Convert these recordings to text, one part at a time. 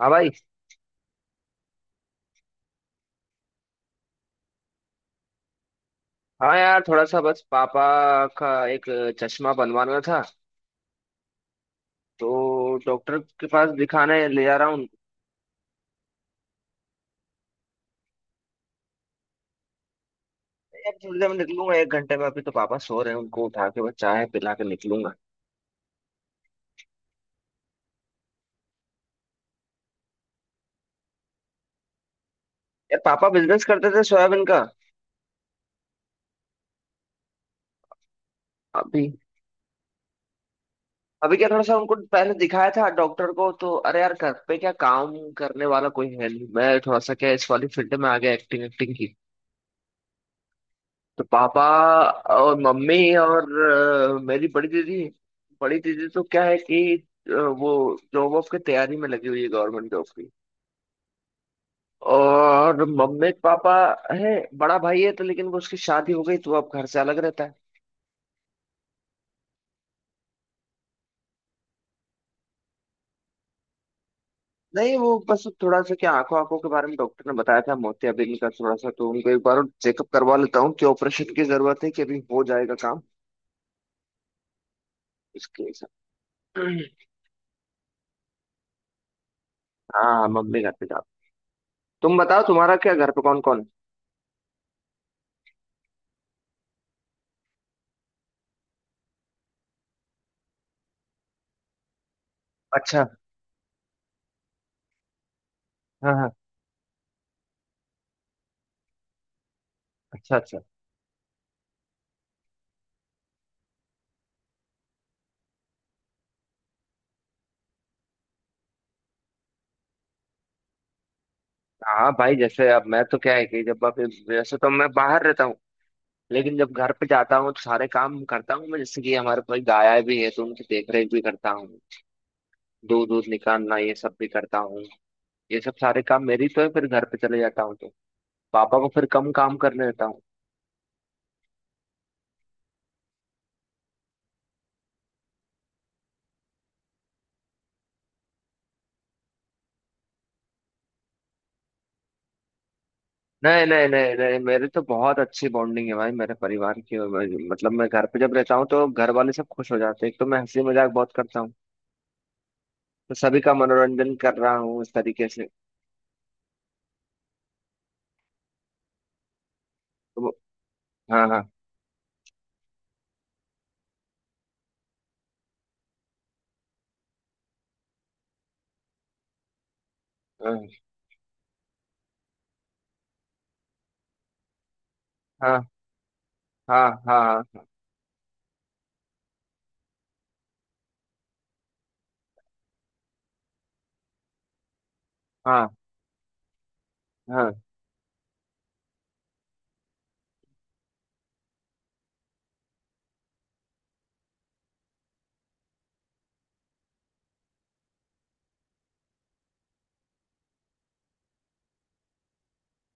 हाँ भाई। हाँ यार, थोड़ा सा बस पापा का एक चश्मा बनवाना था तो डॉक्टर के पास दिखाने ले जा रहा हूँ। यार थोड़ी देर में निकलूंगा, एक घंटे में। अभी तो पापा सो रहे हैं, उनको उठा के बस चाय पिला के निकलूंगा। यार पापा बिजनेस करते थे सोयाबीन का। अभी। अभी क्या, थोड़ा सा उनको पहले दिखाया था डॉक्टर को तो, अरे यार घर पे क्या काम करने वाला कोई है नहीं, मैं थोड़ा सा क्या इस वाली फील्ड में आ गया एक्टिंग, एक्टिंग तो पापा। और मम्मी और मेरी बड़ी दीदी। बड़ी दीदी तो क्या है कि वो जॉब वॉब की तैयारी में लगी हुई है, गवर्नमेंट जॉब की। और मम्मी पापा है। बड़ा भाई है तो, लेकिन वो, उसकी शादी हो गई तो वो अब घर से अलग रहता है। नहीं, वो बस थोड़ा सा क्या, आंखों आंखों के बारे में डॉक्टर ने बताया था, मोतियाबिंद का थोड़ा सा, तो उनको एक बार चेकअप करवा लेता हूँ कि ऑपरेशन की जरूरत है कि अभी हो जाएगा काम। इसके हिसाब। हाँ, मम्मी घर पे, जाओ। तुम बताओ, तुम्हारा क्या घर पे कौन कौन है? अच्छा। हाँ हाँ। अच्छा अच्छा। हाँ भाई, जैसे अब मैं तो क्या है कि जब अब, वैसे तो मैं बाहर रहता हूँ। लेकिन जब घर पे जाता हूँ तो सारे काम करता हूँ मैं, जैसे कि हमारे पास गाय भी है तो उनकी देख रेख भी करता हूँ। दूध दूध निकालना ये सब भी करता हूँ। ये सब सारे काम मेरी तो है, फिर घर पे चले जाता हूँ तो पापा को फिर कम काम करने देता हूँ। नहीं नहीं नहीं नहीं, मेरी तो बहुत अच्छी बॉन्डिंग है भाई, मेरे परिवार की। और मतलब मैं घर पे जब रहता हूँ तो घर वाले सब खुश हो जाते हैं, एक तो मैं हंसी मजाक बहुत करता हूँ। तो सभी का मनोरंजन कर रहा हूँ इस तरीके से। तो। हाँ हाँ हाँ हाँ हाँ हाँ हाँ हाँ।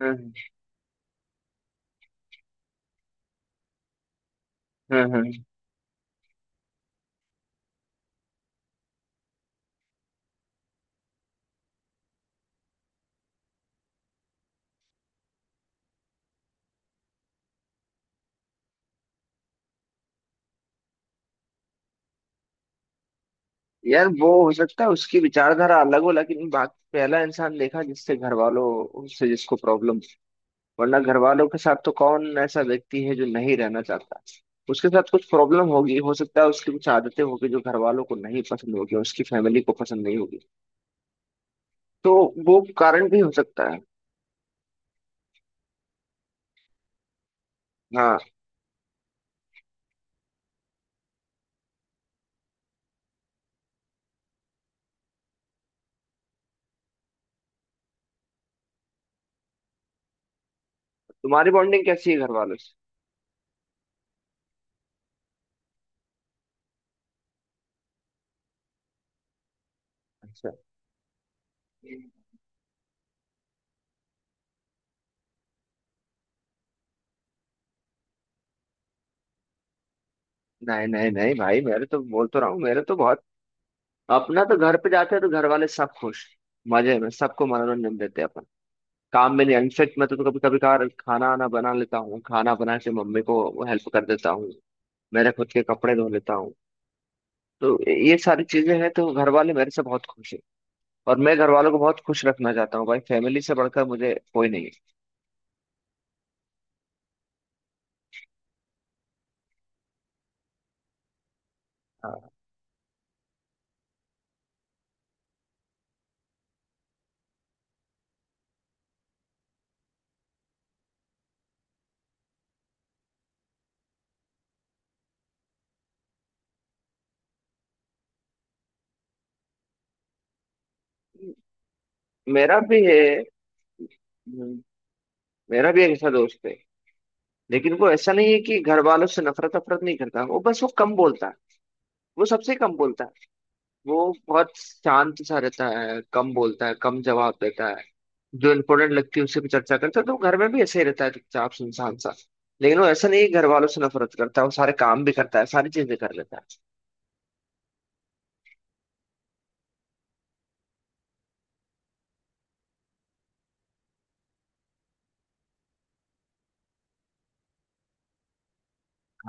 हम्म, हम्म, हम्म। यार, वो हो सकता है उसकी विचारधारा अलग हो, लेकिन बात, पहला इंसान देखा जिससे घर वालों से, जिसको प्रॉब्लम। वरना घर वालों के साथ तो कौन ऐसा व्यक्ति है जो नहीं रहना चाहता। उसके साथ कुछ प्रॉब्लम होगी, हो सकता है उसकी कुछ आदतें होगी जो घर वालों को नहीं पसंद होगी, उसकी फैमिली को पसंद नहीं होगी। तो वो कारण भी हो सकता है। हाँ। तुम्हारी बॉन्डिंग कैसी है घर वालों से? अच्छा। नहीं नहीं नहीं भाई, मेरे तो, बोल तो रहा हूँ, मेरे तो बहुत, अपना तो घर पे जाते हैं तो घर वाले सब खुश, मजे में सबको मनोरंजन देते हैं अपन। काम में नहीं अनफिट, मैं तो कभी कभी कभार खाना आना बना लेता हूँ, खाना बना के मम्मी को हेल्प कर देता हूँ। मेरे खुद के कपड़े धो लेता हूँ। तो ये सारी चीजें हैं तो घर वाले मेरे से बहुत खुश हैं। और मैं घर वालों को बहुत खुश रखना चाहता हूँ भाई, फैमिली से बढ़कर मुझे कोई नहीं है। हाँ। मेरा भी है। हम्म। मेरा भी एक ऐसा दोस्त है। लेकिन वो ऐसा नहीं है कि घर वालों से नफरत अफरत नहीं करता, वो बस, वो कम बोलता है। वो सबसे कम बोलता है। वो बहुत शांत सा रहता है, कम बोलता है, कम जवाब देता है। जो इम्पोर्टेंट लगती है उसी पे चर्चा करता है, तो वो घर में भी ऐसे ही रहता है, चुपचाप सुनसान सा। लेकिन वो ऐसा नहीं है कि घर वालों से नफरत करता है, वो सारे काम भी करता है, सारी चीजें कर लेता है।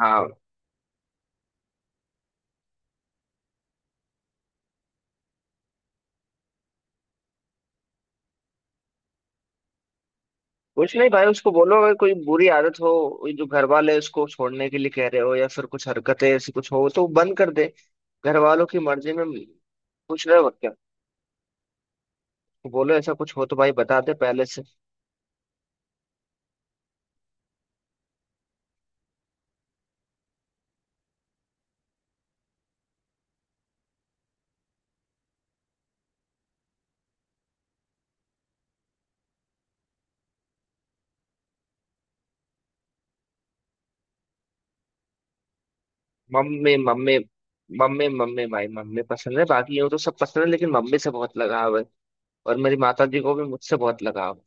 हाँ। कुछ नहीं भाई, उसको बोलो अगर कोई बुरी आदत हो, वो जो घर वाले उसको छोड़ने के लिए कह रहे हो, या फिर कुछ हरकतें ऐसी कुछ हो तो वो बंद कर दे। घर वालों की मर्जी में कुछ रहे वक्त क्या। तो बोलो, ऐसा कुछ हो तो भाई बता दे पहले से। Mummy, mummy. मम्मी मम्मी भाई, मम्मी पसंद है, बाकी यूँ तो सब पसंद है लेकिन मम्मी से बहुत लगाव है। और मेरी माता जी को भी मुझसे बहुत लगाव है।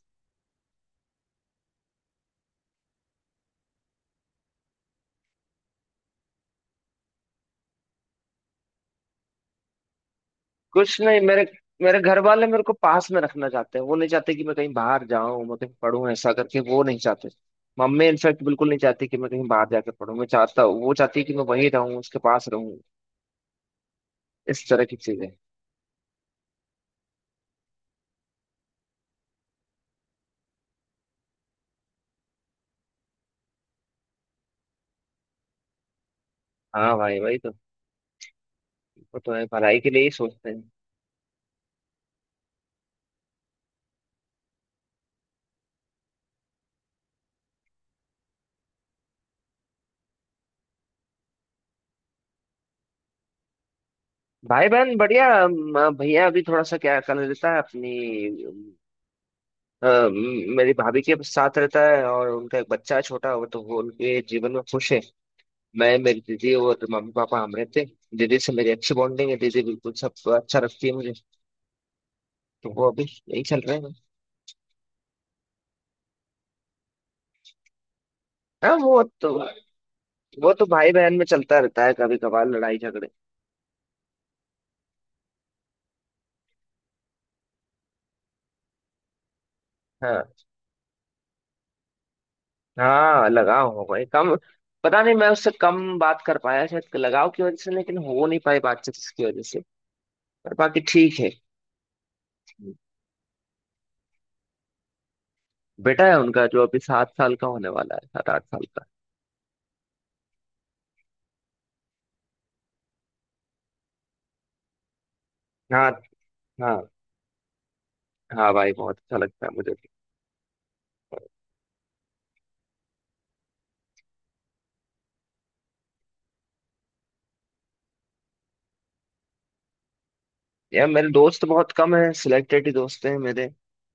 कुछ नहीं, मेरे मेरे घर वाले मेरे को पास में रखना चाहते हैं, वो नहीं चाहते कि मैं कहीं बाहर जाऊं, मैं कहीं पढूं, ऐसा करके वो नहीं चाहते। मम्मी इनफैक्ट बिल्कुल नहीं चाहती कि मैं कहीं बाहर जाकर पढूं, मैं चाहता हूँ, वो चाहती है कि मैं वहीं रहूं, उसके पास रहूं। इस तरह की चीजें। हाँ भाई भाई, तो, वो तो है, भलाई के लिए ही सोचते हैं। भाई बहन बढ़िया, भैया अभी थोड़ा सा क्या कर लेता है अपनी, मेरी भाभी के साथ रहता है, और उनका एक बच्चा है छोटा, वो तो, वो उनके जीवन में खुश है। मैं, मेरी दीदी और मम्मी पापा, हम रहते हैं, दीदी से मेरी अच्छी बॉन्डिंग है, दीदी बिल्कुल सब अच्छा रखती है मुझे। तो वो अभी यही चल रहे हैं। हाँ, वो तो, वो तो भाई बहन में चलता रहता है, कभी कभार लड़ाई झगड़े। हाँ हाँ, लगाव हो गए कम। पता नहीं, मैं उससे कम बात कर पाया, शायद लगाव की वजह से, लेकिन हो नहीं पाई बातचीत उसकी वजह से। पर बाकी ठीक है। बेटा है उनका, जो अभी 7 साल का होने वाला है, 7-8 साल का। हाँ। हाँ। हाँ भाई, बहुत अच्छा लगता है मुझे भी। यार मेरे दोस्त बहुत कम है, सिलेक्टेड ही दोस्त हैं मेरे।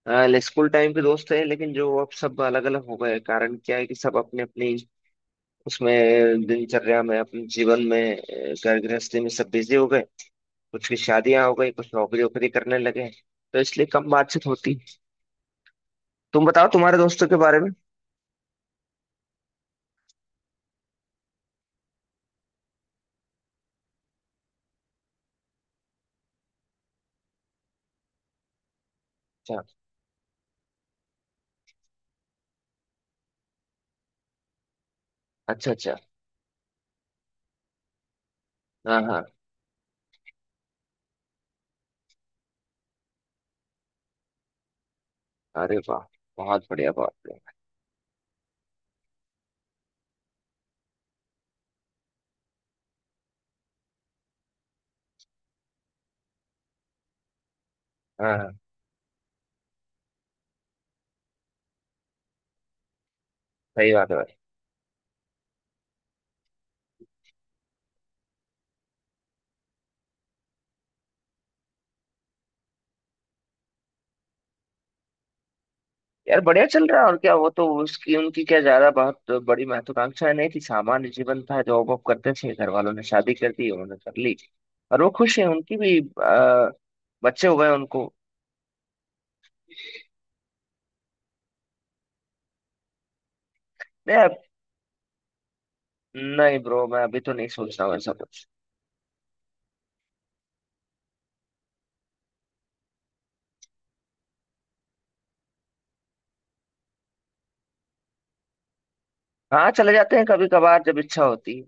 स्कूल टाइम के दोस्त हैं, लेकिन जो अब सब अलग अलग हो गए, कारण क्या है कि सब अपने अपनी, उसमें दिनचर्या में, अपने जीवन में, घर गृहस्थी में सब बिजी हो गए। कुछ की शादियां हो गई, कुछ नौकरी वोकरी करने लगे। तो इसलिए कम बातचीत होती। तुम बताओ तुम्हारे दोस्तों के बारे में। अच्छा। अच्छा अच्छा। हाँ हाँ। अरे वाह! बहुत बढ़िया बहुत बढ़िया। हाँ हाँ। सही बात है। यार बढ़िया चल रहा है और क्या, वो तो, उसकी उनकी क्या, ज्यादा बहुत बड़ी महत्वाकांक्षा नहीं थी, सामान्य जीवन था, जॉब वॉब करते थे, घर वालों ने शादी कर दी, उन्होंने कर ली। और वो खुश है, उनकी भी बच्चे हो गए उनको। नहीं नहीं ब्रो, मैं अभी तो नहीं सोच रहा हूँ ऐसा कुछ। हाँ, चले जाते हैं कभी कभार जब इच्छा होती है।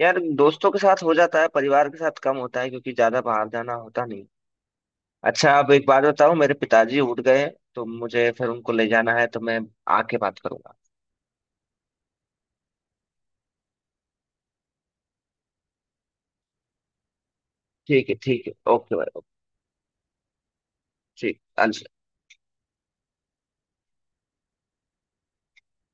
यार दोस्तों के साथ हो जाता है, परिवार के साथ कम होता है क्योंकि ज्यादा बाहर जाना होता नहीं। अच्छा, अब एक बात बताओ, मेरे पिताजी उठ गए हैं, तो मुझे फिर उनको ले जाना है, तो मैं आके बात करूंगा। ठीक है ठीक है, ओके भाई, ओके। ठीक, अलविदा।